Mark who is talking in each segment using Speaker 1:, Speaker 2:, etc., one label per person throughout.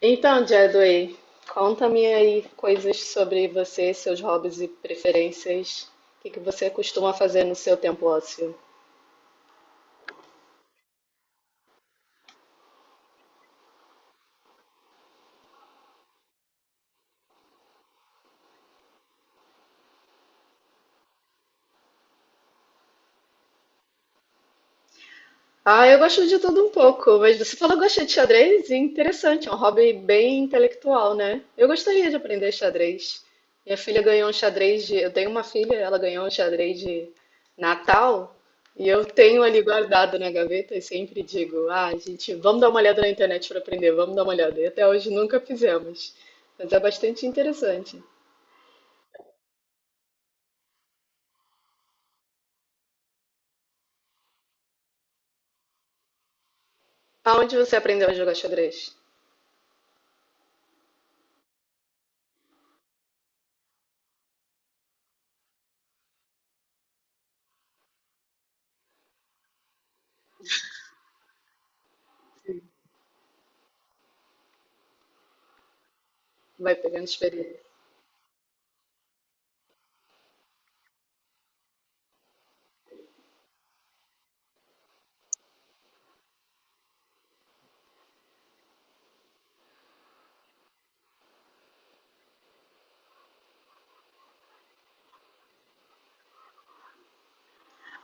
Speaker 1: Então, Jadway, conta-me aí coisas sobre você, seus hobbies e preferências. O que que você costuma fazer no seu tempo ósseo? Ah, eu gosto de tudo um pouco, mas você falou que gosta de xadrez? Interessante, é um hobby bem intelectual, né? Eu gostaria de aprender xadrez. Minha filha ganhou um xadrez de. Eu tenho uma filha, ela ganhou um xadrez de Natal e eu tenho ali guardado na gaveta e sempre digo: ah, gente, vamos dar uma olhada na internet para aprender, vamos dar uma olhada. E até hoje nunca fizemos, mas é bastante interessante. Aonde você aprendeu a jogar xadrez? Vai pegando experiência.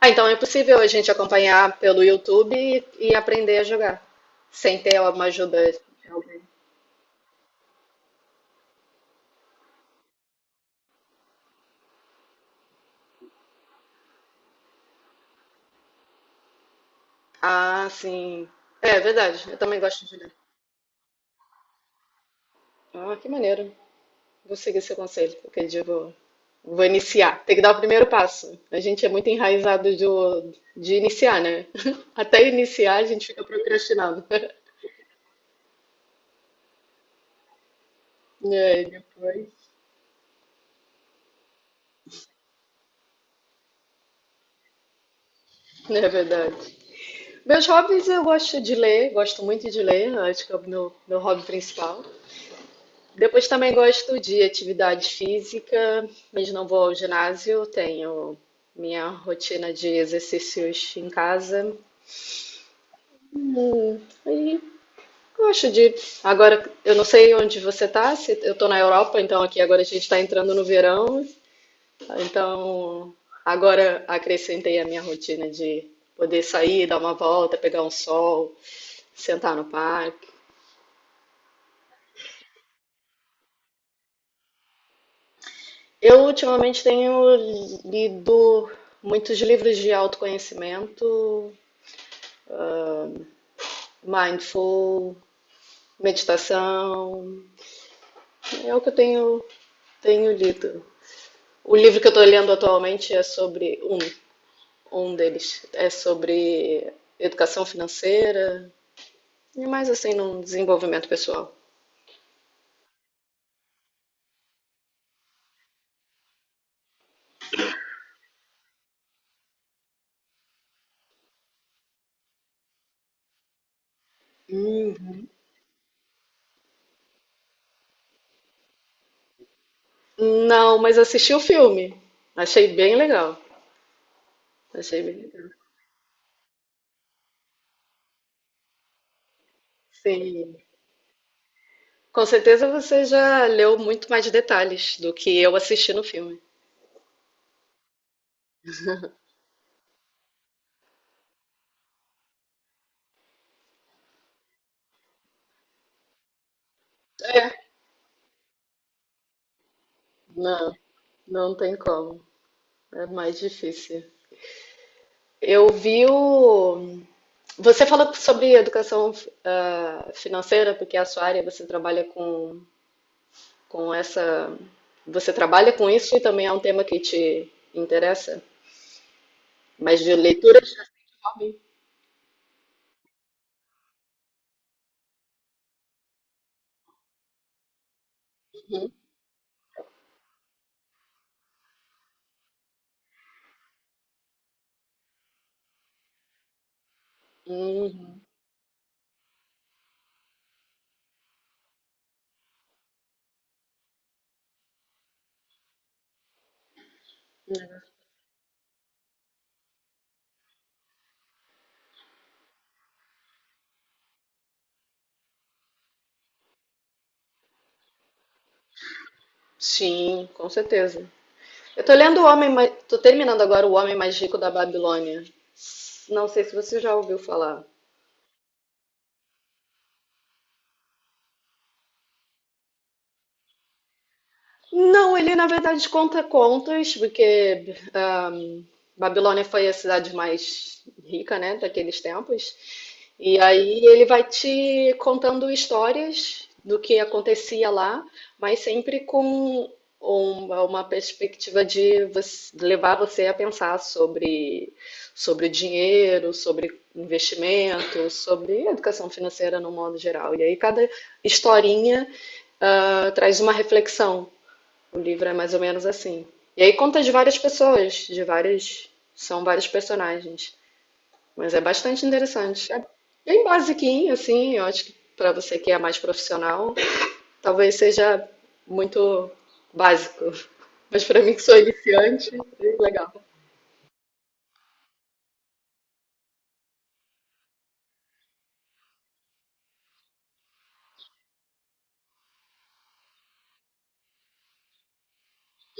Speaker 1: Ah, então é possível a gente acompanhar pelo YouTube e aprender a jogar, sem ter uma ajuda de alguém. Ah, sim. É verdade, eu também gosto de jogar. Ah, que maneiro. Vou seguir seu conselho, porque eu digo, vou iniciar. Tem que dar o primeiro passo. A gente é muito enraizado de iniciar, né? Até iniciar a gente fica procrastinando. É, e aí, depois. É verdade. Meus hobbies, eu gosto de ler, gosto muito de ler, acho que é o meu hobby principal. Depois também gosto de atividade física, mas não vou ao ginásio, tenho minha rotina de exercícios em casa. Hum, e gosto de. Agora, eu não sei onde você está. Eu estou na Europa, então aqui agora a gente está entrando no verão, então agora acrescentei a minha rotina de poder sair, dar uma volta, pegar um sol, sentar no parque. Eu ultimamente tenho lido muitos livros de autoconhecimento, mindful, meditação. É o que tenho lido. O livro que eu estou lendo atualmente é sobre um deles é sobre educação financeira e mais assim num desenvolvimento pessoal. Hum. Não, mas assisti o filme. Achei bem legal. Achei bem legal. Sim. Com certeza você já leu muito mais detalhes do que eu assisti no filme. É, não, não tem como. É mais difícil. Eu vi o. Você fala sobre educação, financeira, porque é a sua área, você trabalha com essa. Você trabalha com isso e também é um tema que te interessa? Mas de leitura de hobby? Uhum, sim, com certeza. Eu tô lendo o tô terminando agora O Homem Mais Rico da Babilônia. Não sei se você já ouviu falar. Não, ele na verdade conta contos, porque Babilônia foi a cidade mais rica, né, daqueles tempos. E aí ele vai te contando histórias do que acontecia lá, mas sempre com uma perspectiva de levar você a pensar sobre, sobre dinheiro, sobre investimento, sobre educação financeira no modo geral. E aí cada historinha, traz uma reflexão. O livro é mais ou menos assim. E aí conta de várias pessoas, de várias. São vários personagens. Mas é bastante interessante. É bem basiquinho, assim. Eu acho que para você que é mais profissional, talvez seja muito básico. Mas para mim que sou iniciante, é legal.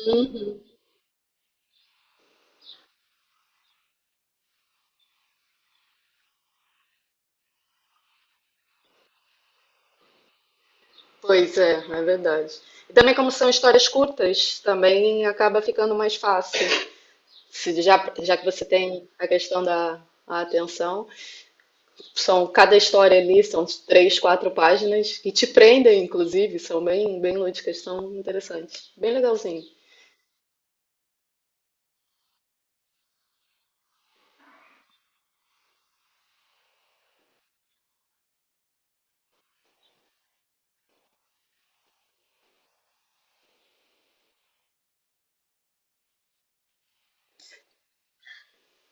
Speaker 1: Uhum. Pois é, é verdade. E também como são histórias curtas, também acaba ficando mais fácil. Se já, já que você tem a questão da a atenção, são, cada história ali são três, quatro páginas e te prendem, inclusive, são bem, bem lúdicas, são interessantes, bem legalzinho.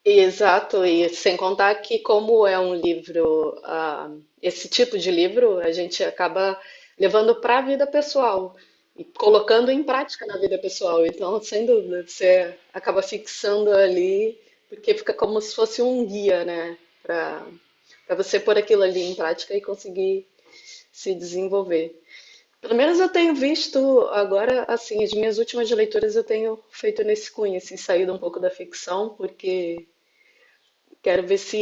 Speaker 1: Exato, e sem contar que como é um livro, esse tipo de livro, a gente acaba levando para a vida pessoal e colocando em prática na vida pessoal. Então, sem dúvida, você acaba fixando ali, porque fica como se fosse um guia, né, para para você pôr aquilo ali em prática e conseguir se desenvolver. Pelo menos eu tenho visto agora, assim, as minhas últimas leituras eu tenho feito nesse cunho, assim, saído um pouco da ficção, porque quero ver se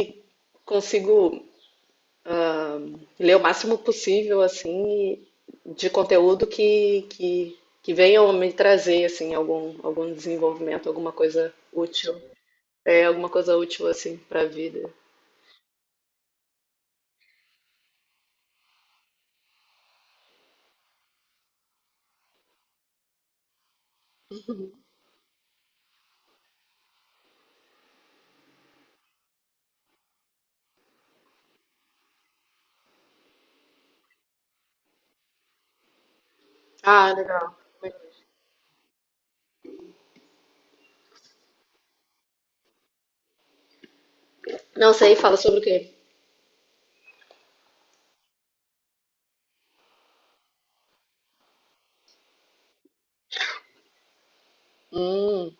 Speaker 1: consigo ler o máximo possível, assim, e de conteúdo que venha me trazer, assim, algum desenvolvimento, alguma coisa útil. É, alguma coisa útil, assim, para a vida. Ah, legal. Não sei, fala sobre o quê? Hum.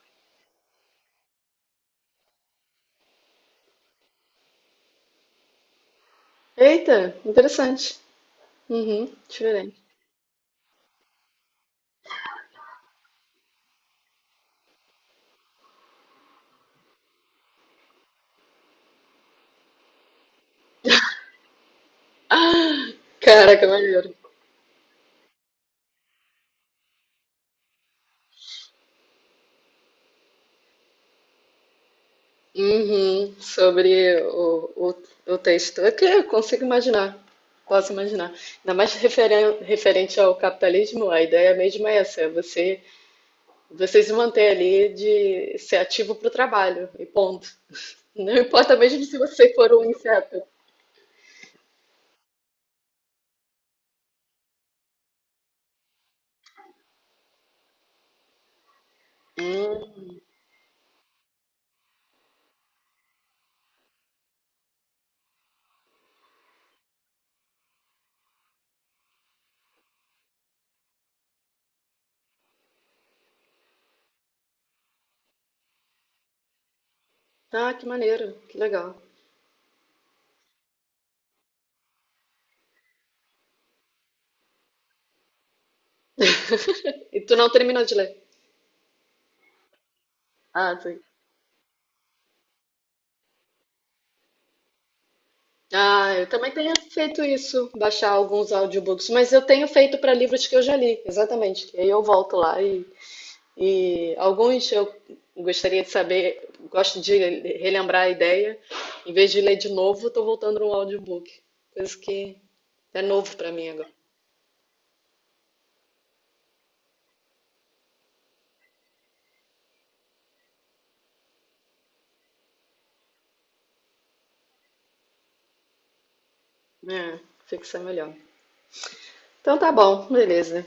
Speaker 1: Eita, interessante. Uhum, diferente. Ah, caraca, maneiro. Uhum, sobre o texto. É que eu consigo imaginar, posso imaginar. Ainda mais referente ao capitalismo, a ideia mesmo é essa, é você, você se manter ali de ser ativo para o trabalho, e ponto. Não importa mesmo se você for um inseto. Hum, ah, que maneiro, que legal. E tu não terminou de ler? Ah, sim. Ah, eu também tenho feito isso, baixar alguns audiobooks, mas eu tenho feito para livros que eu já li, exatamente. Que aí eu volto lá e alguns eu gostaria de saber, gosto de relembrar a ideia. Em vez de ler de novo, estou voltando no audiobook, coisa que é novo para mim agora. É, fixa melhor. Então tá bom, beleza.